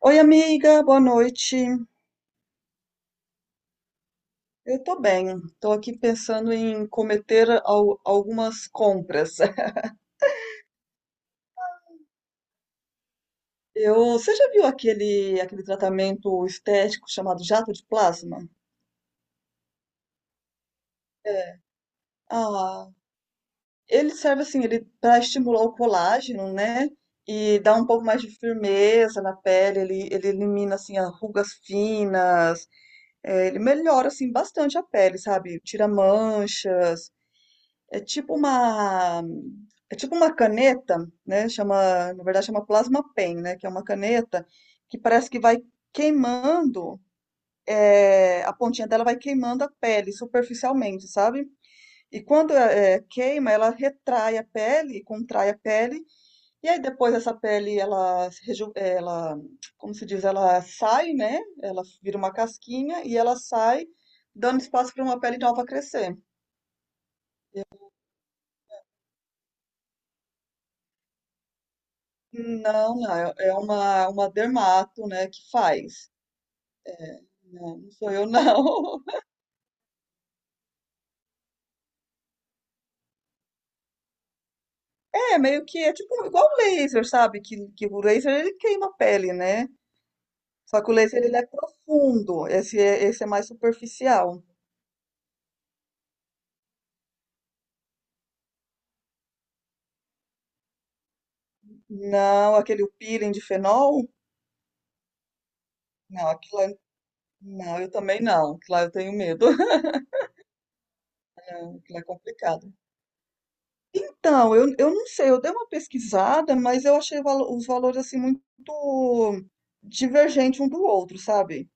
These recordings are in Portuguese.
Oi, amiga, boa noite. Eu tô bem. Tô aqui pensando em cometer algumas compras. Você já viu aquele tratamento estético chamado jato de plasma? É. Ah, ele serve assim, ele para estimular o colágeno, né? E dá um pouco mais de firmeza na pele, ele elimina assim as rugas finas, é, ele melhora assim bastante a pele, sabe? Tira manchas. É tipo uma, é tipo uma caneta, né? Chama, na verdade chama plasma pen, né? Que é uma caneta que parece que vai queimando, a pontinha dela vai queimando a pele superficialmente, sabe? E quando queima, ela retrai a pele, contrai a pele, e aí depois essa pele, ela, se reju- é, ela, como se diz, ela sai, né? Ela vira uma casquinha e ela sai, dando espaço para uma pele nova crescer. Não, não, é uma dermato, né, que faz. Não, não sou eu, não. É, meio que é tipo igual o laser, sabe? Que o laser ele queima a pele, né? Só que o laser ele é profundo, esse é mais superficial. Não, aquele peeling de fenol, não, aquilo lá, não, eu também não, aquilo lá eu tenho medo, aquilo lá é complicado. Então, eu não sei, eu dei uma pesquisada, mas eu achei os valores assim muito divergente um do outro, sabe?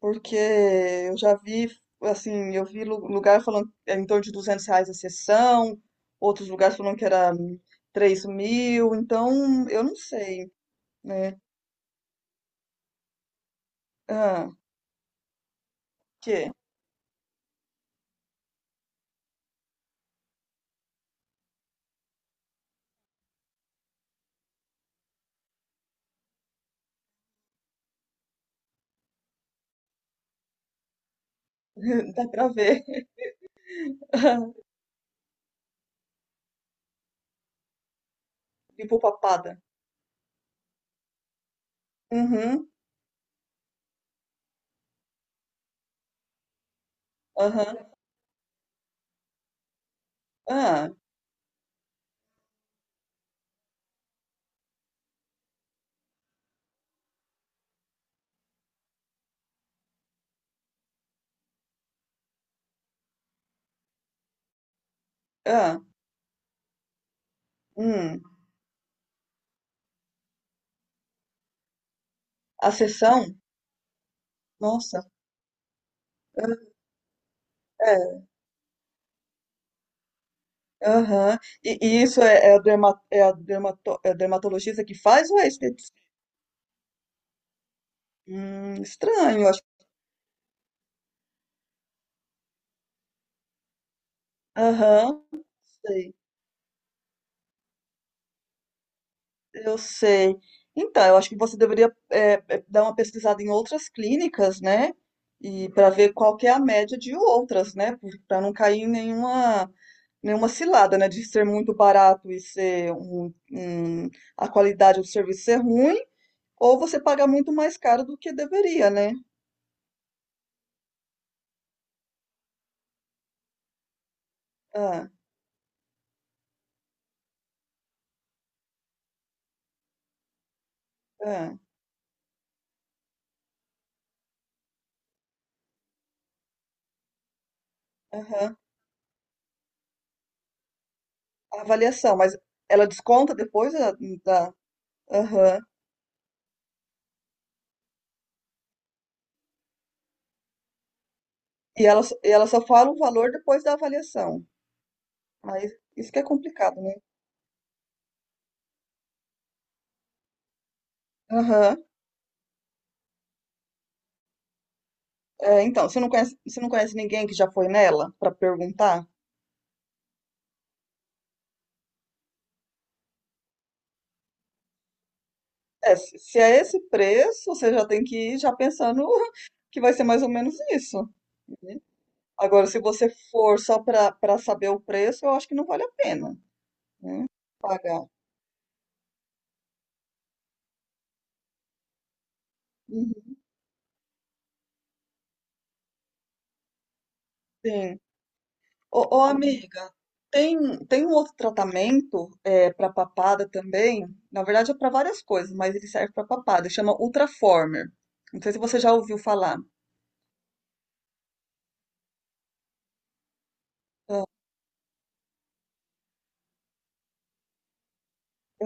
Porque eu já vi, assim, eu vi lugar falando que era em torno de R$ 200 a sessão, outros lugares falando que era 3.000, então eu não sei, né? Ah, que? Dá pra ver. Pipo papada. Uhum. Aham. Ah, ah, hum. A sessão? Nossa, é, é, aham. E isso é, é a derma, é a dermato, é a dermatologista que faz ou é esteticista? Estranho, eu acho. Aham, sei. Eu sei. Então, eu acho que você deveria dar uma pesquisada em outras clínicas, né? E para ver qual que é a média de outras, né? Para não cair em nenhuma, nenhuma cilada, né? De ser muito barato e ser a qualidade do serviço ser ruim, ou você pagar muito mais caro do que deveria, né? Ah, ah, aham. A avaliação, mas ela desconta depois da. da- Aham. E ela só fala o valor depois da avaliação. Mas isso que é complicado, né? Aham. É, então, você não conhece ninguém que já foi nela para perguntar? É, se se é esse preço, você já tem que ir já pensando que vai ser mais ou menos isso, né? Agora, se você for só para para saber o preço, eu acho que não vale a pena pagar. Uhum. Sim. Ô, ô, amiga, tem, tem um outro tratamento é, para papada também. Na verdade, é para várias coisas, mas ele serve para papada. Chama Ultraformer. Não sei se você já ouviu falar.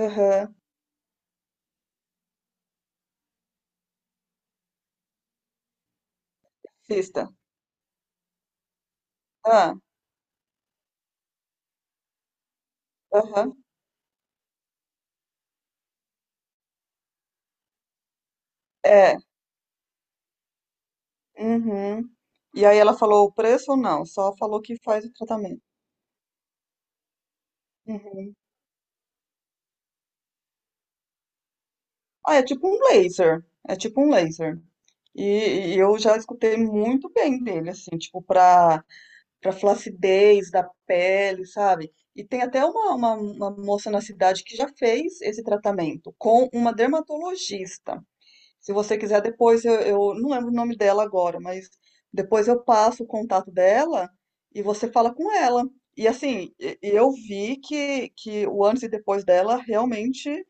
Aham. Pista. Ah, aham. É, uhum. E aí ela falou o preço ou não? Só falou que faz o tratamento. Uhum. Ah, é tipo um laser. É tipo um laser. E eu já escutei muito bem dele, assim, tipo, pra, pra flacidez da pele, sabe? E tem até uma moça na cidade que já fez esse tratamento com uma dermatologista. Se você quiser, depois eu não lembro o nome dela agora, mas depois eu passo o contato dela e você fala com ela. E assim, e eu vi que o antes e depois dela realmente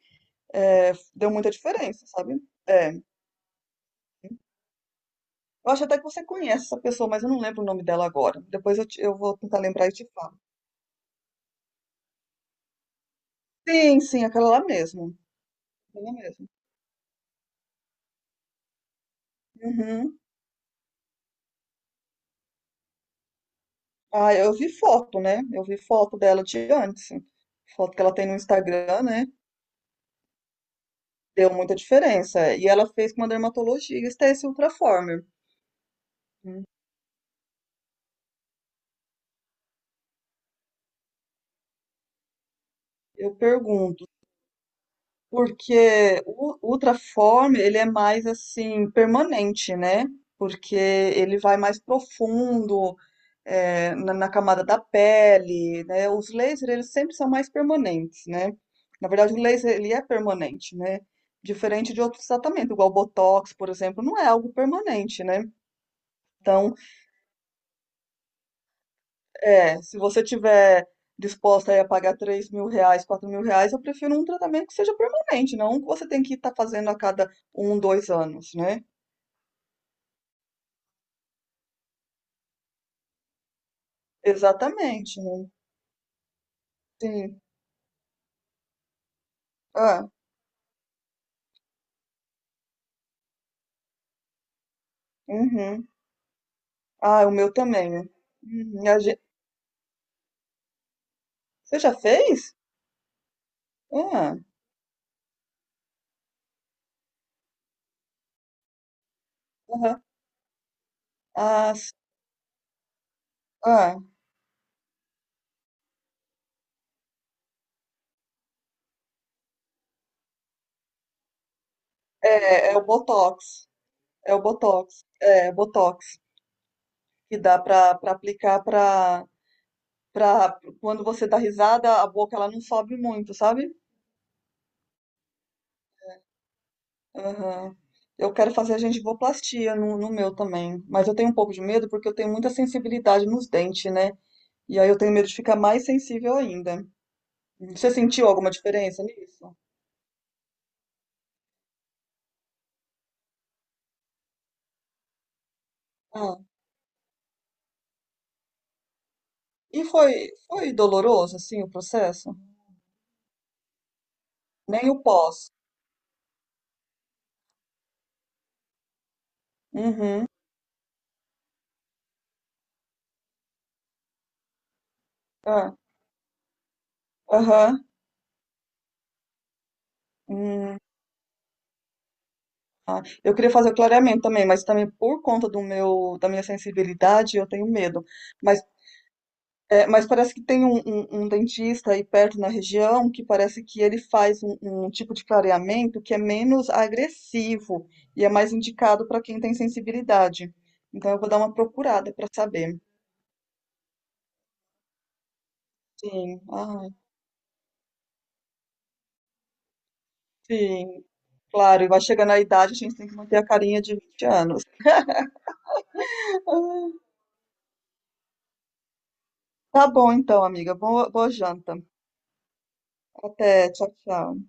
é, deu muita diferença, sabe? É, eu acho até que você conhece essa pessoa, mas eu não lembro o nome dela agora. Depois eu vou tentar lembrar e te falo. Sim, sim, aquela lá mesmo. Aquela mesmo. Uhum. Ah, eu vi foto, né? Eu vi foto dela de antes. Foto que ela tem no Instagram, né? Deu muita diferença. E ela fez com uma dermatologista esse Ultraformer. Hum. Eu pergunto, porque o Ultraformer, ele é mais assim, permanente, né? Porque ele vai mais profundo, é, na, na camada da pele, né? Os lasers, eles sempre são mais permanentes, né? Na verdade, o laser, ele é permanente, né? Diferente de outros tratamentos, igual o Botox, por exemplo, não é algo permanente, né? Então, é, se você tiver disposta aí a pagar R$ 3.000, R$ 4.000, eu prefiro um tratamento que seja permanente, não um que você tem que estar fazendo a cada um, 2 anos, né? Exatamente, né? Sim. Ah, uhum. Ah, o meu também, né? Uhum. A gen- Você já fez? Ah, aham. Ah, s- ah. É, é o Botox. É o Botox. É, Botox. Que dá pra, pra aplicar pra, pra... Quando você dá risada, a boca ela não sobe muito, sabe? Aham. Eu quero fazer gengivoplastia no meu também, mas eu tenho um pouco de medo porque eu tenho muita sensibilidade nos dentes, né? E aí eu tenho medo de ficar mais sensível ainda. Você sentiu alguma diferença nisso? Ah, e foi, foi doloroso, assim, o processo? Nem o pós. Uhum. Ah, aham. Hum, ah. Eu queria fazer o clareamento também, mas também por conta do meu, da minha sensibilidade, eu tenho medo. Mas é, mas parece que tem um dentista aí perto na região que parece que ele faz um, um tipo de clareamento que é menos agressivo e é mais indicado para quem tem sensibilidade. Então eu vou dar uma procurada para saber. Sim, ai, sim, claro. E vai chegando a idade, a gente tem que manter a carinha de 20 anos. Tá bom então, amiga. Boa, boa janta. Até, tchau, tchau.